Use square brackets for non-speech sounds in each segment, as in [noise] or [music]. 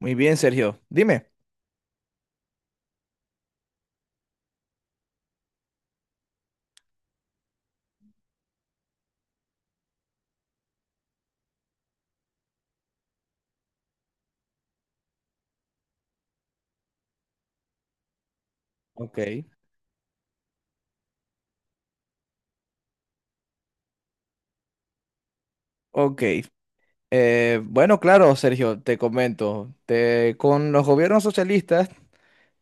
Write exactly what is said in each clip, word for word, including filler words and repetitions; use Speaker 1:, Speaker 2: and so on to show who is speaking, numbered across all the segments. Speaker 1: Muy bien, Sergio. Dime. Ok. Ok. Eh, bueno, claro, Sergio, te comento. Te- con los gobiernos socialistas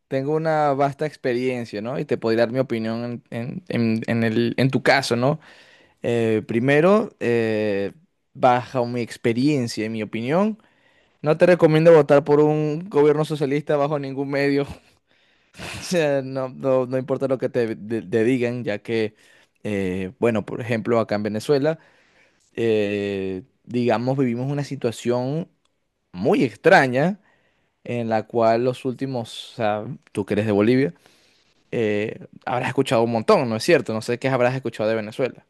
Speaker 1: tengo una vasta experiencia, ¿no? Y te podría dar mi opinión en, en- en- en el- en tu caso, ¿no? Eh, primero, eh, bajo mi experiencia y mi opinión, no te recomiendo votar por un gobierno socialista bajo ningún medio. [laughs] O sea, no, no- no importa lo que te, de- te digan, ya que, eh, bueno, por ejemplo, acá en Venezuela. eh, digamos, vivimos una situación muy extraña en la cual los últimos, o sea, tú que eres de Bolivia, eh, habrás escuchado un montón, ¿no es cierto? No sé qué habrás escuchado de Venezuela.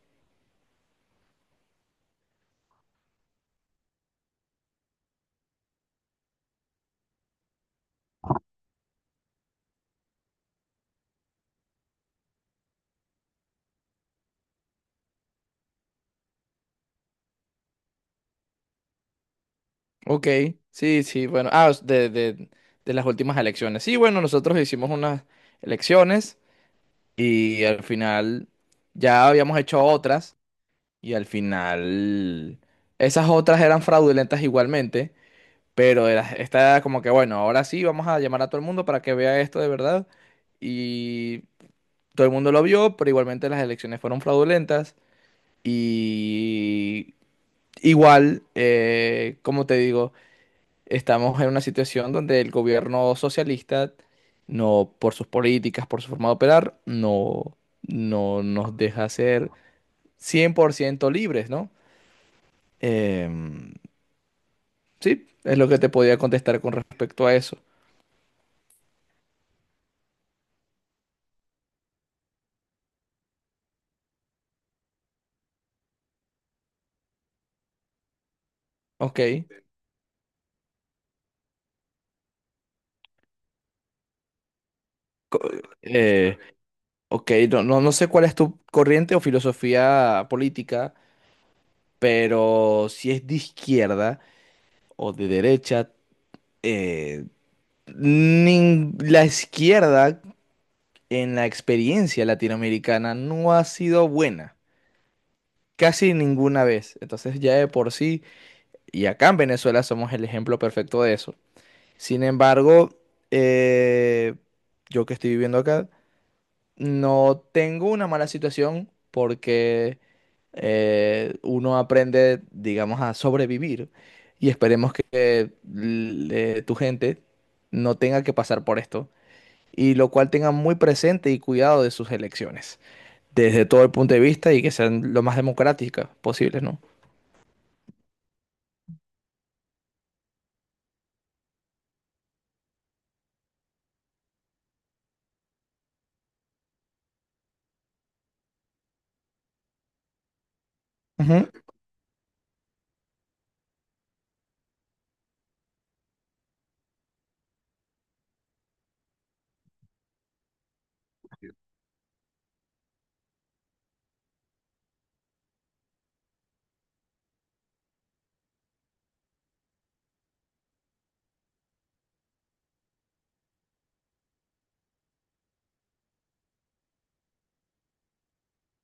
Speaker 1: Ok, sí, sí, bueno, ah, de, de, de las últimas elecciones. Sí, bueno, nosotros hicimos unas elecciones y al final ya habíamos hecho otras, y al final esas otras eran fraudulentas igualmente. Pero era- está como que, bueno, ahora sí vamos a llamar a todo el mundo para que vea esto de verdad. Y todo el mundo lo vio, pero igualmente las elecciones fueron fraudulentas. Y igual, eh, como te digo, estamos en una situación donde el gobierno socialista, no por sus políticas, por su forma de operar, no, no nos deja ser cien por ciento libres, ¿no? Em, sí, es lo que te podía contestar con respecto a eso. Ok. Co- eh, ok, no, no, no sé cuál es tu corriente o filosofía política, pero si es de izquierda o de derecha, eh, nin- la izquierda en la experiencia latinoamericana no ha sido buena, casi ninguna vez. Entonces ya de por sí, y acá en Venezuela somos el ejemplo perfecto de eso. Sin embargo, eh, yo que estoy viviendo acá no tengo una mala situación porque eh, uno aprende, digamos, a sobrevivir y esperemos que eh, l- eh, tu gente no tenga que pasar por esto y lo cual tenga muy presente y cuidado de sus elecciones desde todo el punto de vista y que sean lo más democráticas posibles, ¿no? Ujú.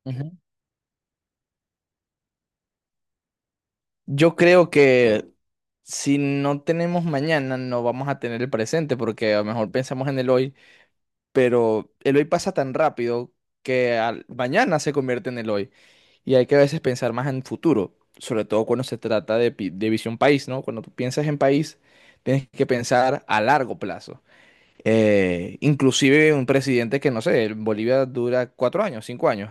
Speaker 1: Ujú. Yo creo que si no tenemos mañana, no vamos a tener el presente porque a lo mejor pensamos en el hoy. Pero el hoy pasa tan rápido que al- mañana se convierte en el hoy, y hay que a veces pensar más en futuro, sobre todo cuando se trata de, pi- de visión país, ¿no? Cuando tú piensas en país, tienes que pensar a largo plazo. Eh, inclusive un presidente que, no sé, en Bolivia dura cuatro años, cinco años.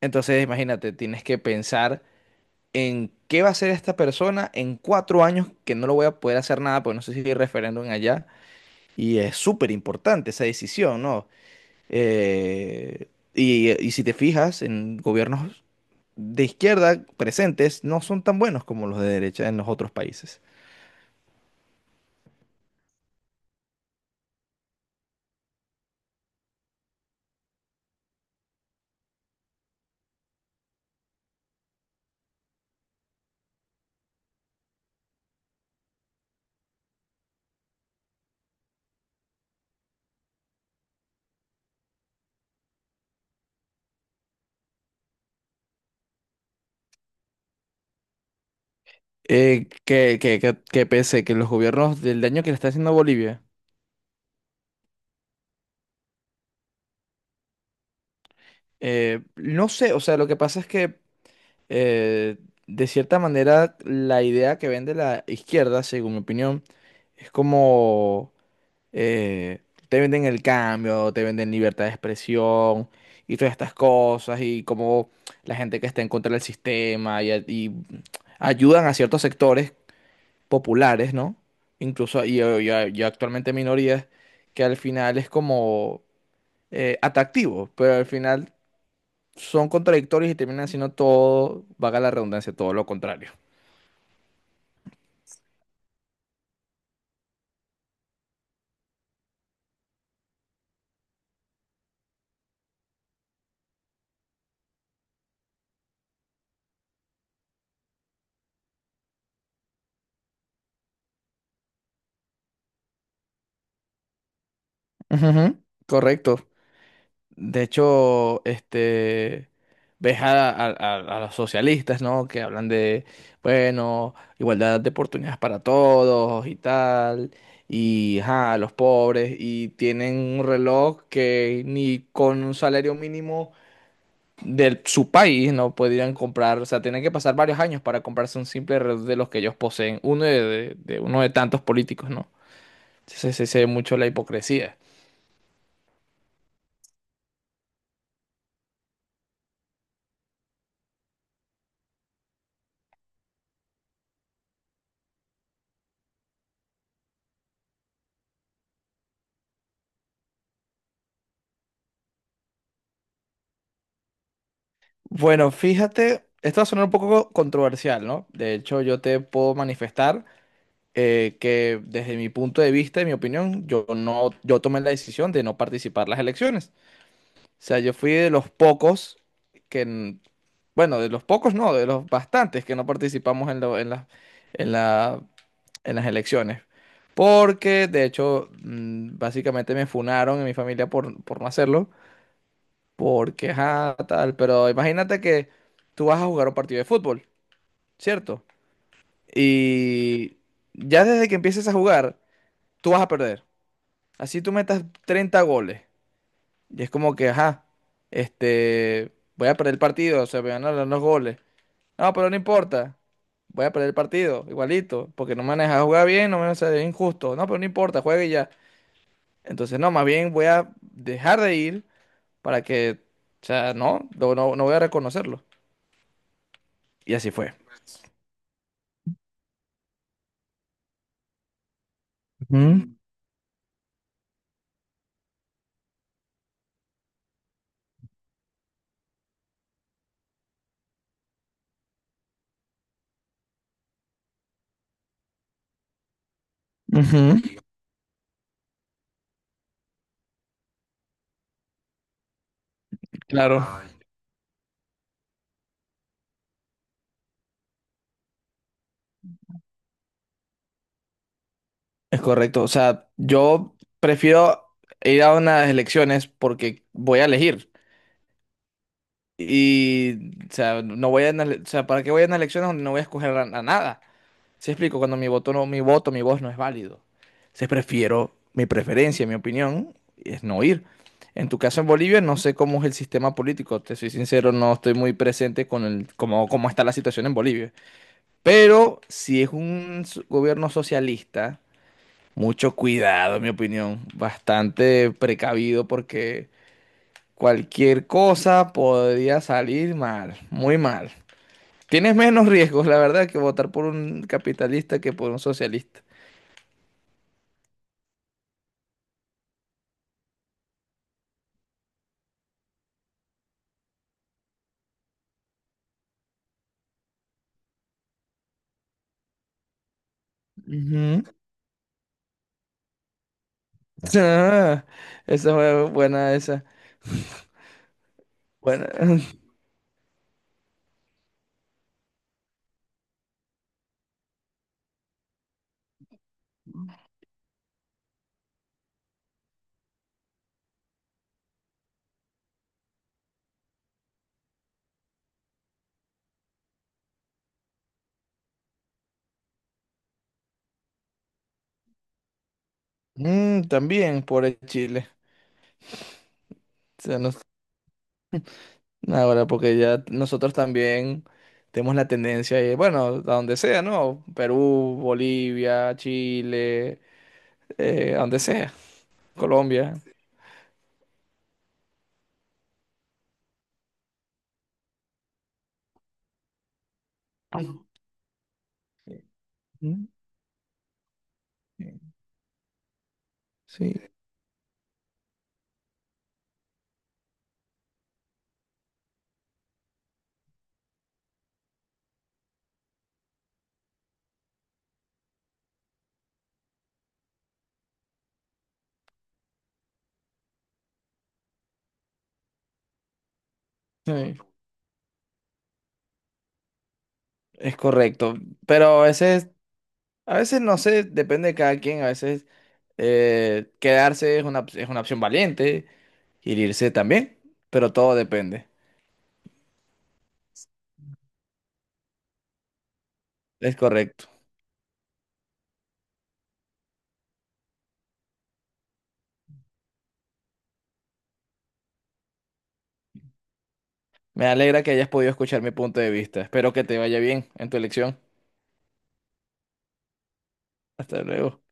Speaker 1: Entonces, imagínate, tienes que pensar en qué va a hacer esta persona en cuatro años, que no lo voy a poder hacer nada, porque no sé si hay referéndum allá. Y es súper importante esa decisión, ¿no? Eh, y, y si te fijas, en gobiernos de izquierda presentes no son tan buenos como los de derecha en los otros países. Eh, que, que, que, que pese que los gobiernos del daño que le está haciendo a Bolivia, eh, no sé, o sea, lo que pasa es que eh, de cierta manera la idea que vende la izquierda, según mi opinión, es como eh, te venden el cambio, te venden libertad de expresión y todas estas cosas, y como la gente que está en contra del sistema y, y ayudan a ciertos sectores populares, ¿no? Incluso y, y- y actualmente minorías que al final es como eh, atractivo, pero al final son contradictorios y terminan siendo todo, vaga la redundancia, todo lo contrario. Ujú, correcto. De hecho, este, ves a, a- a- a los socialistas, ¿no? Que hablan de, bueno, igualdad de oportunidades para todos y tal, y ajá, a los pobres, y tienen un reloj que ni con un salario mínimo de su país no podrían comprar, o sea, tienen que pasar varios años para comprarse un simple reloj de los que ellos poseen, uno de, de- de uno de tantos políticos, ¿no? Entonces se se ve mucho la hipocresía. Bueno, fíjate, esto va a sonar un poco controversial, ¿no? De hecho, yo te puedo manifestar eh, que desde mi punto de vista y mi opinión, yo no, yo tomé la decisión de no participar en las elecciones. O sea, yo fui de los pocos que, n- bueno, de los pocos no, de los bastantes que no participamos en lo- en la- en la, en las elecciones. Porque, de hecho, mm, básicamente me funaron en mi familia por, por no hacerlo. Porque, ajá, tal, pero imagínate que tú vas a jugar un partido de fútbol, ¿cierto? Y ya desde que empieces a jugar, tú vas a perder. Así tú metas treinta goles. Y es como que, ajá, este, voy a perder el partido, o sea, me van a dar los goles. No, pero no importa. Voy a perder el partido, igualito, porque no me han dejado jugar bien, no me han es injusto. No, pero no importa, juegue ya. Entonces, no, más bien voy a dejar de ir para que, o sea, no, no, no no voy a reconocerlo. Y así fue. Ujú, ujú, claro, es correcto. O sea, yo prefiero ir a unas elecciones porque voy a elegir. Y, o sea, no voy a, unas ele- o sea, ¿para qué voy a unas elecciones donde no voy a escoger a, a nada? ¿Se explico? Cuando mi voto no, mi voto, mi voz no es válido. Se prefiero, mi preferencia, mi opinión, es no ir. En tu caso en Bolivia, no sé cómo es el sistema político. Te soy sincero, no estoy muy presente con el, cómo, cómo está la situación en Bolivia. Pero si es un s- gobierno socialista. Mucho cuidado, en mi opinión. Bastante precavido porque cualquier cosa podría salir mal, muy mal. Tienes menos riesgos, la verdad, que votar por un capitalista que por un socialista. Ujú. [laughs] Ah, esa fue buena, esa. Bueno, [laughs] mm, también por el Chile. O sea, nos- Ahora, porque ya nosotros también tenemos la tendencia, de, bueno, a donde sea, ¿no? Perú, Bolivia, Chile, eh, a donde sea. Colombia. Sí, sí, es correcto. Pero a veces, a veces no sé, depende de cada quien. A veces eh, quedarse es una, op- es una opción valiente, y irse también, pero todo depende. Es correcto. Me alegra que hayas podido escuchar mi punto de vista. Espero que te vaya bien en tu elección. Hasta luego.